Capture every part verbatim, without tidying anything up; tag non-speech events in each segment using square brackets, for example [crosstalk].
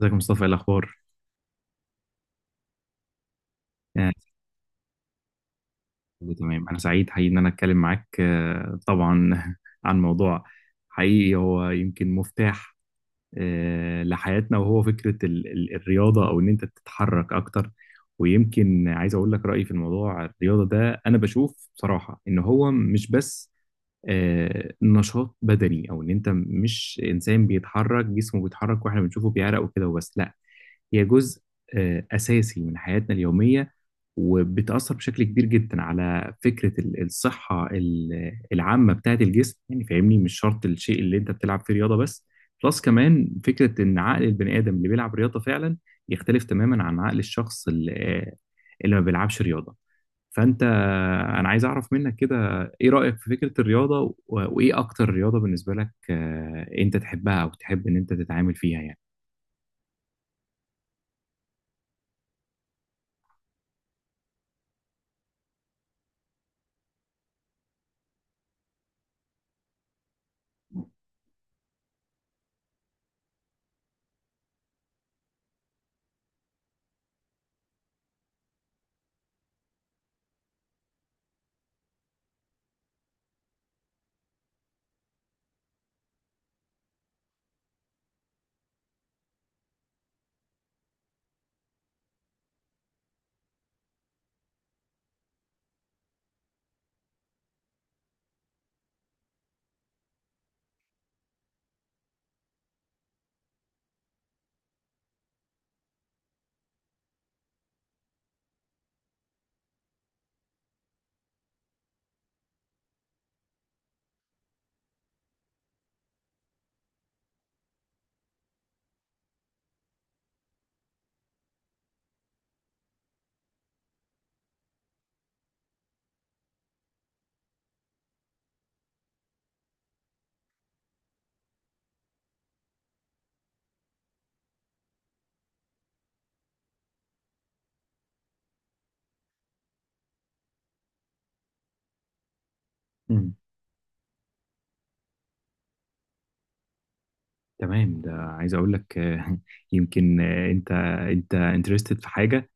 ازيك يا مصطفى؟ ايه الاخبار؟ آه، كله تمام. انا سعيد حقيقي ان انا اتكلم معاك. آه، طبعا [laughs] عن موضوع حقيقي هو يمكن مفتاح آه، لحياتنا، وهو فكره ال- ال- الرياضه او ان انت تتحرك اكتر. ويمكن عايز اقول لك رايي في الموضوع الرياضه ده. انا بشوف بصراحه ان هو مش بس آه، نشاط بدني او ان انت مش انسان بيتحرك جسمه بيتحرك واحنا بنشوفه بيعرق وكده وبس. لا، هي جزء آه، اساسي من حياتنا اليوميه، وبتأثر بشكل كبير جدا على فكرة ال- الصحة ال- العامة بتاعت الجسم، يعني فاهمني؟ مش شرط الشيء اللي انت بتلعب فيه رياضة بس، بلس كمان فكرة ان عقل البني آدم اللي بيلعب رياضة فعلا يختلف تماما عن عقل الشخص اللي اللي ما بيلعبش رياضة. فانت، انا عايز اعرف منك كده، ايه رأيك في فكرة الرياضة و- وايه اكتر رياضة بالنسبة لك؟ آه، انت تحبها او تحب ان انت تتعامل فيها يعني؟ مم. تمام، ده عايز اقول لك آه، [laughs] يمكن، آه، انت انت انترستد في حاجة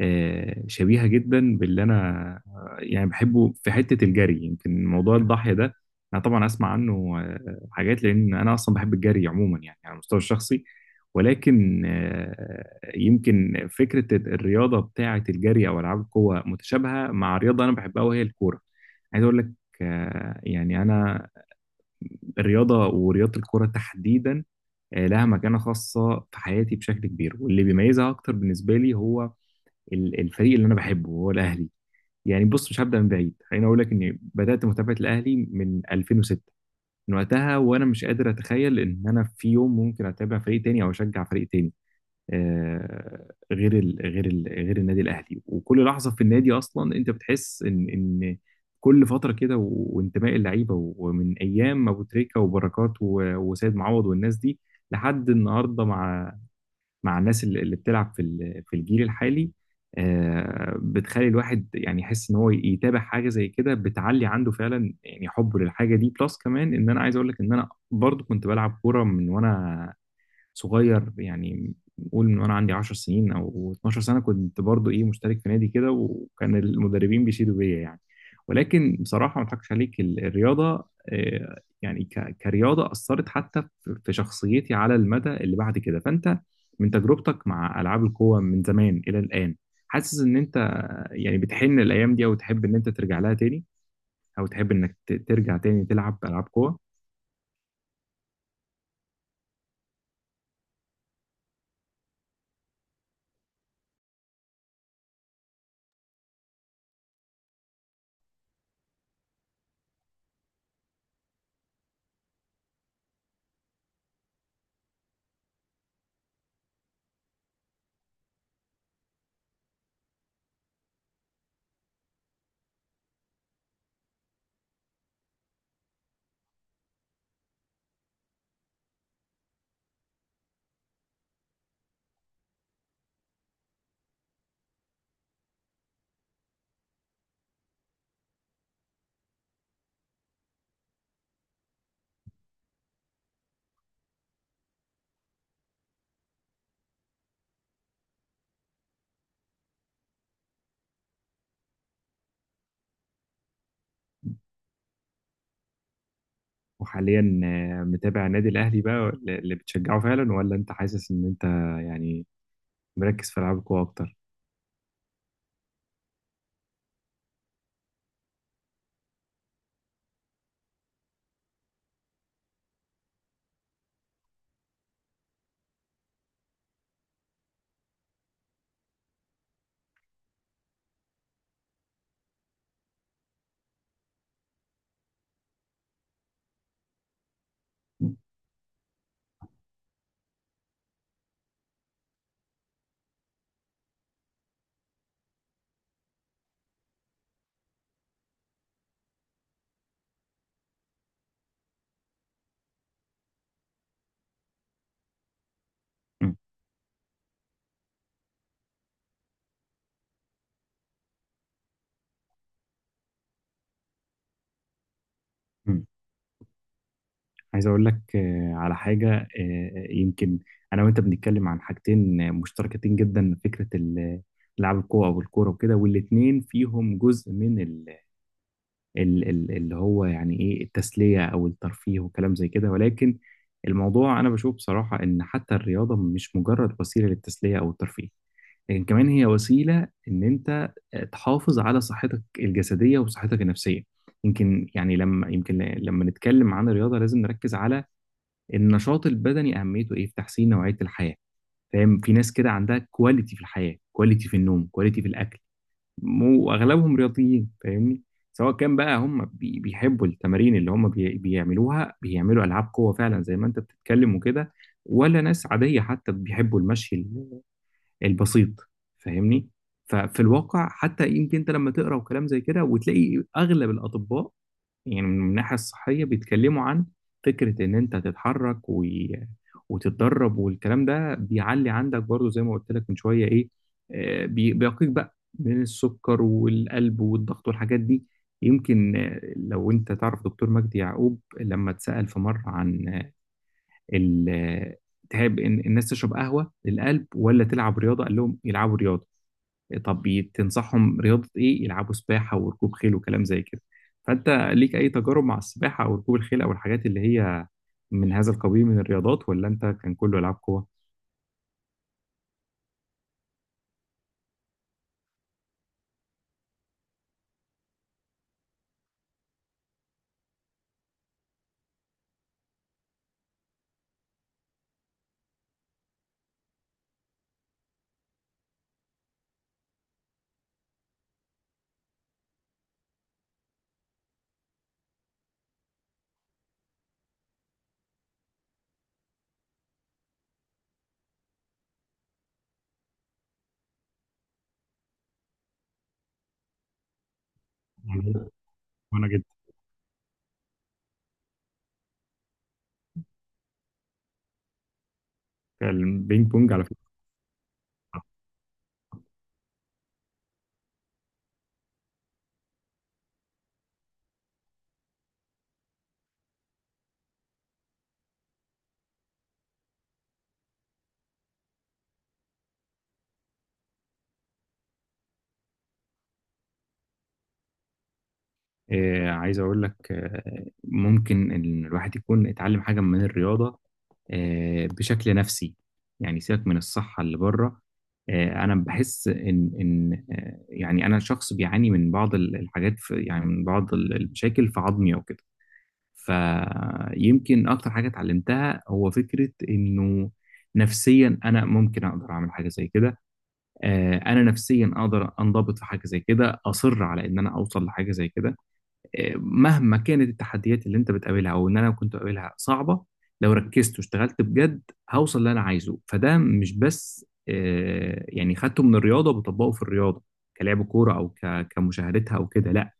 آه، شبيهة جدا باللي أنا آه، يعني بحبه في حتة الجري. يمكن موضوع الضاحية ده أنا طبعا أسمع عنه آه، حاجات، لأن أنا أصلا بحب الجري عموما يعني على المستوى الشخصي. ولكن آه، يمكن فكرة الرياضة بتاعة الجري أو ألعاب القوة متشابهة مع رياضة أنا بحبها وهي الكورة. عايز أقول لك آه، يعني أنا الرياضة ورياضة الكورة تحديدا آه، لها مكانة خاصة في حياتي بشكل كبير، واللي بيميزها أكتر بالنسبة لي هو ال- الفريق اللي انا بحبه وهو الاهلي. يعني بص، مش هبدا من بعيد، خليني اقول لك اني بدات متابعه الاهلي من ألفين وستة. من وقتها وانا مش قادر اتخيل ان انا في يوم ممكن اتابع فريق تاني او اشجع فريق تاني آه غير ال غير ال غير النادي الاهلي. وكل لحظه في النادي اصلا انت بتحس ان ان كل فتره كده و- وانتماء اللعيبه و- ومن ايام ابو تريكه وبركات و- وسيد معوض والناس دي لحد النهارده، مع مع الناس اللي اللي بتلعب في ال- في الجيل الحالي، آه، بتخلي الواحد يعني يحس ان هو يتابع حاجه زي كده بتعلي عنده فعلا يعني حبه للحاجه دي. بلس كمان ان انا عايز اقول لك ان انا برضو كنت بلعب كوره من وانا صغير، يعني قول من وانا عندي عشر سنين او اثنا عشر سنه كنت برضو ايه مشترك في نادي كده وكان المدربين بيشيدوا بيا يعني. ولكن بصراحه ما اضحكش عليك، ال- الرياضه آه، يعني ك- كرياضه اثرت حتى في في شخصيتي على المدى اللي بعد كده. فانت من تجربتك مع العاب القوى من زمان الى الان، حاسس ان انت يعني بتحن الايام دي او تحب ان انت ترجع لها تاني، او تحب انك ت- ترجع تاني تلعب العاب قوى؟ وحاليا آه، متابع النادي الأهلي بقى اللي بتشجعه فعلا، ولا أنت حاسس إن أنت يعني مركز في ألعاب القوى أكتر؟ م- م. عايز أقول لك آه، على حاجة آه، يمكن أنا وأنت بنتكلم عن حاجتين مشتركتين جدا. فكرة ال- ألعاب القوى أو الكورة وكده، والاتنين فيهم جزء من ال- ال- ال- اللي هو يعني إيه التسلية أو الترفيه وكلام زي كده. ولكن الموضوع أنا بشوف بصراحة إن حتى الرياضة مش مجرد وسيلة للتسلية أو الترفيه، كمان هي وسيلة إن أنت آه، تحافظ على صحتك الجسدية وصحتك النفسية. يمكن يعني لما يمكن لما نتكلم عن الرياضة لازم نركز على النشاط البدني، أهميته إيه في تحسين نوعية الحياة. فاهم؟ في ناس كده عندها كواليتي في الحياة، كواليتي في النوم، كواليتي في الأكل، مو- وأغلبهم رياضيين، فاهمني؟ سواء كان بقى هم بي- بيحبوا التمارين اللي هم بي- بيعملوها، بيعملوا ألعاب قوة فعلا زي ما أنت بتتكلم وكده، ولا ناس عادية حتى بيحبوا المشي البسيط، فاهمني؟ ففي الواقع حتى يمكن انت لما تقرا وكلام زي كده، وتلاقي اغلب الاطباء يعني من الناحيه الصحيه بيتكلموا عن فكره ان انت تتحرك و... وتتدرب، والكلام ده بيعلي عندك برضو زي ما قلت لك من شويه ايه، آه، بي- بيقيك بقى من السكر والقلب والضغط والحاجات دي. يمكن آه، لو انت تعرف دكتور مجدي يعقوب لما اتسأل في مره عن ال- تحب إن الناس تشرب قهوة للقلب ولا تلعب رياضة، قال لهم يلعبوا رياضة. طب ي- تنصحهم رياضة إيه؟ يلعبوا سباحة وركوب خيل وكلام زي كده. فأنت ليك أي تجارب مع السباحة أو ركوب الخيل أو الحاجات اللي هي من هذا القبيل من الرياضات، ولا أنت كان كله ألعاب قوة؟ وأنا جدا البينج بونج على. آه، عايز أقول لك آه، ممكن إن الواحد يكون اتعلم حاجة من الرياضة آه، بشكل نفسي، يعني سيبك من الصحة اللي بره. آه، أنا بحس إن إن آه، يعني أنا شخص بيعاني من بعض ال- الحاجات في، يعني من بعض ال- المشاكل في عظمي أو كده. فيمكن أكتر حاجة اتعلمتها هو فكرة إنه نفسيا أنا ممكن أقدر أعمل حاجة زي كده، آه، أنا نفسيا أقدر أنضبط في حاجة زي كده، أصر على إن أنا أوصل لحاجة زي كده مهما كانت التحديات اللي انت بتقابلها او ان انا كنت بقابلها صعبه. لو ركزت واشتغلت بجد، هوصل اللي انا عايزه. فده مش بس آه، يعني خدته من الرياضه وبطبقه في الرياضه كلعب كوره او ك- كمشاهدتها او كده، لا،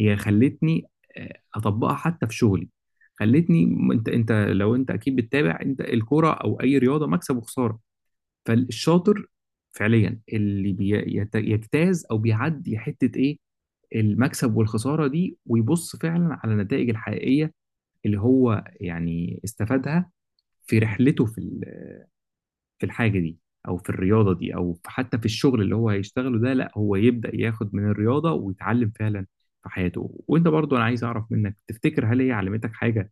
هي خلتني آه، اطبقها حتى في شغلي. خلتني م- انت انت لو انت اكيد بتتابع انت الكوره او اي رياضه مكسب وخساره، فالشاطر فعليا اللي بيجتاز او بيعدي حته ايه المكسب والخسارة دي ويبص فعلا على النتائج الحقيقية اللي هو يعني استفادها في رحلته في ال- في الحاجة دي أو في الرياضة دي أو في- حتى في الشغل اللي هو هيشتغله ده. لا، هو يبدأ ياخد من الرياضة ويتعلم فعلا في حياته. وأنت برضو أنا عايز أعرف منك، تفتكر هل هي علمتك حاجة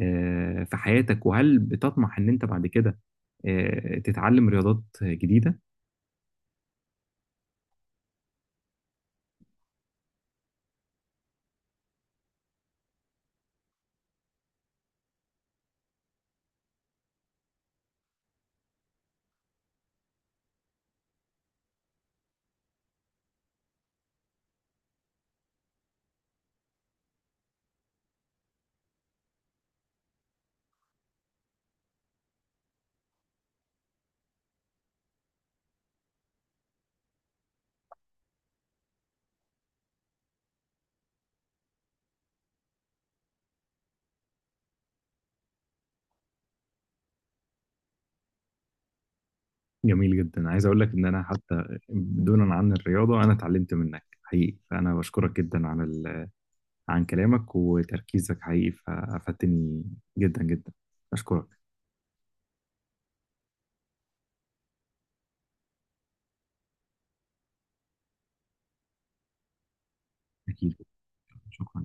آه، في حياتك؟ وهل بتطمح إن أنت بعد كده آه، تتعلم رياضات جديدة؟ جميل جدا. عايز اقول لك ان انا حتى دونا عن الرياضه، انا اتعلمت منك حقيقي، فانا بشكرك جدا عن ال... عن كلامك وتركيزك حقيقي. فافدتني جدا جدا. اشكرك. اكيد. شكرا.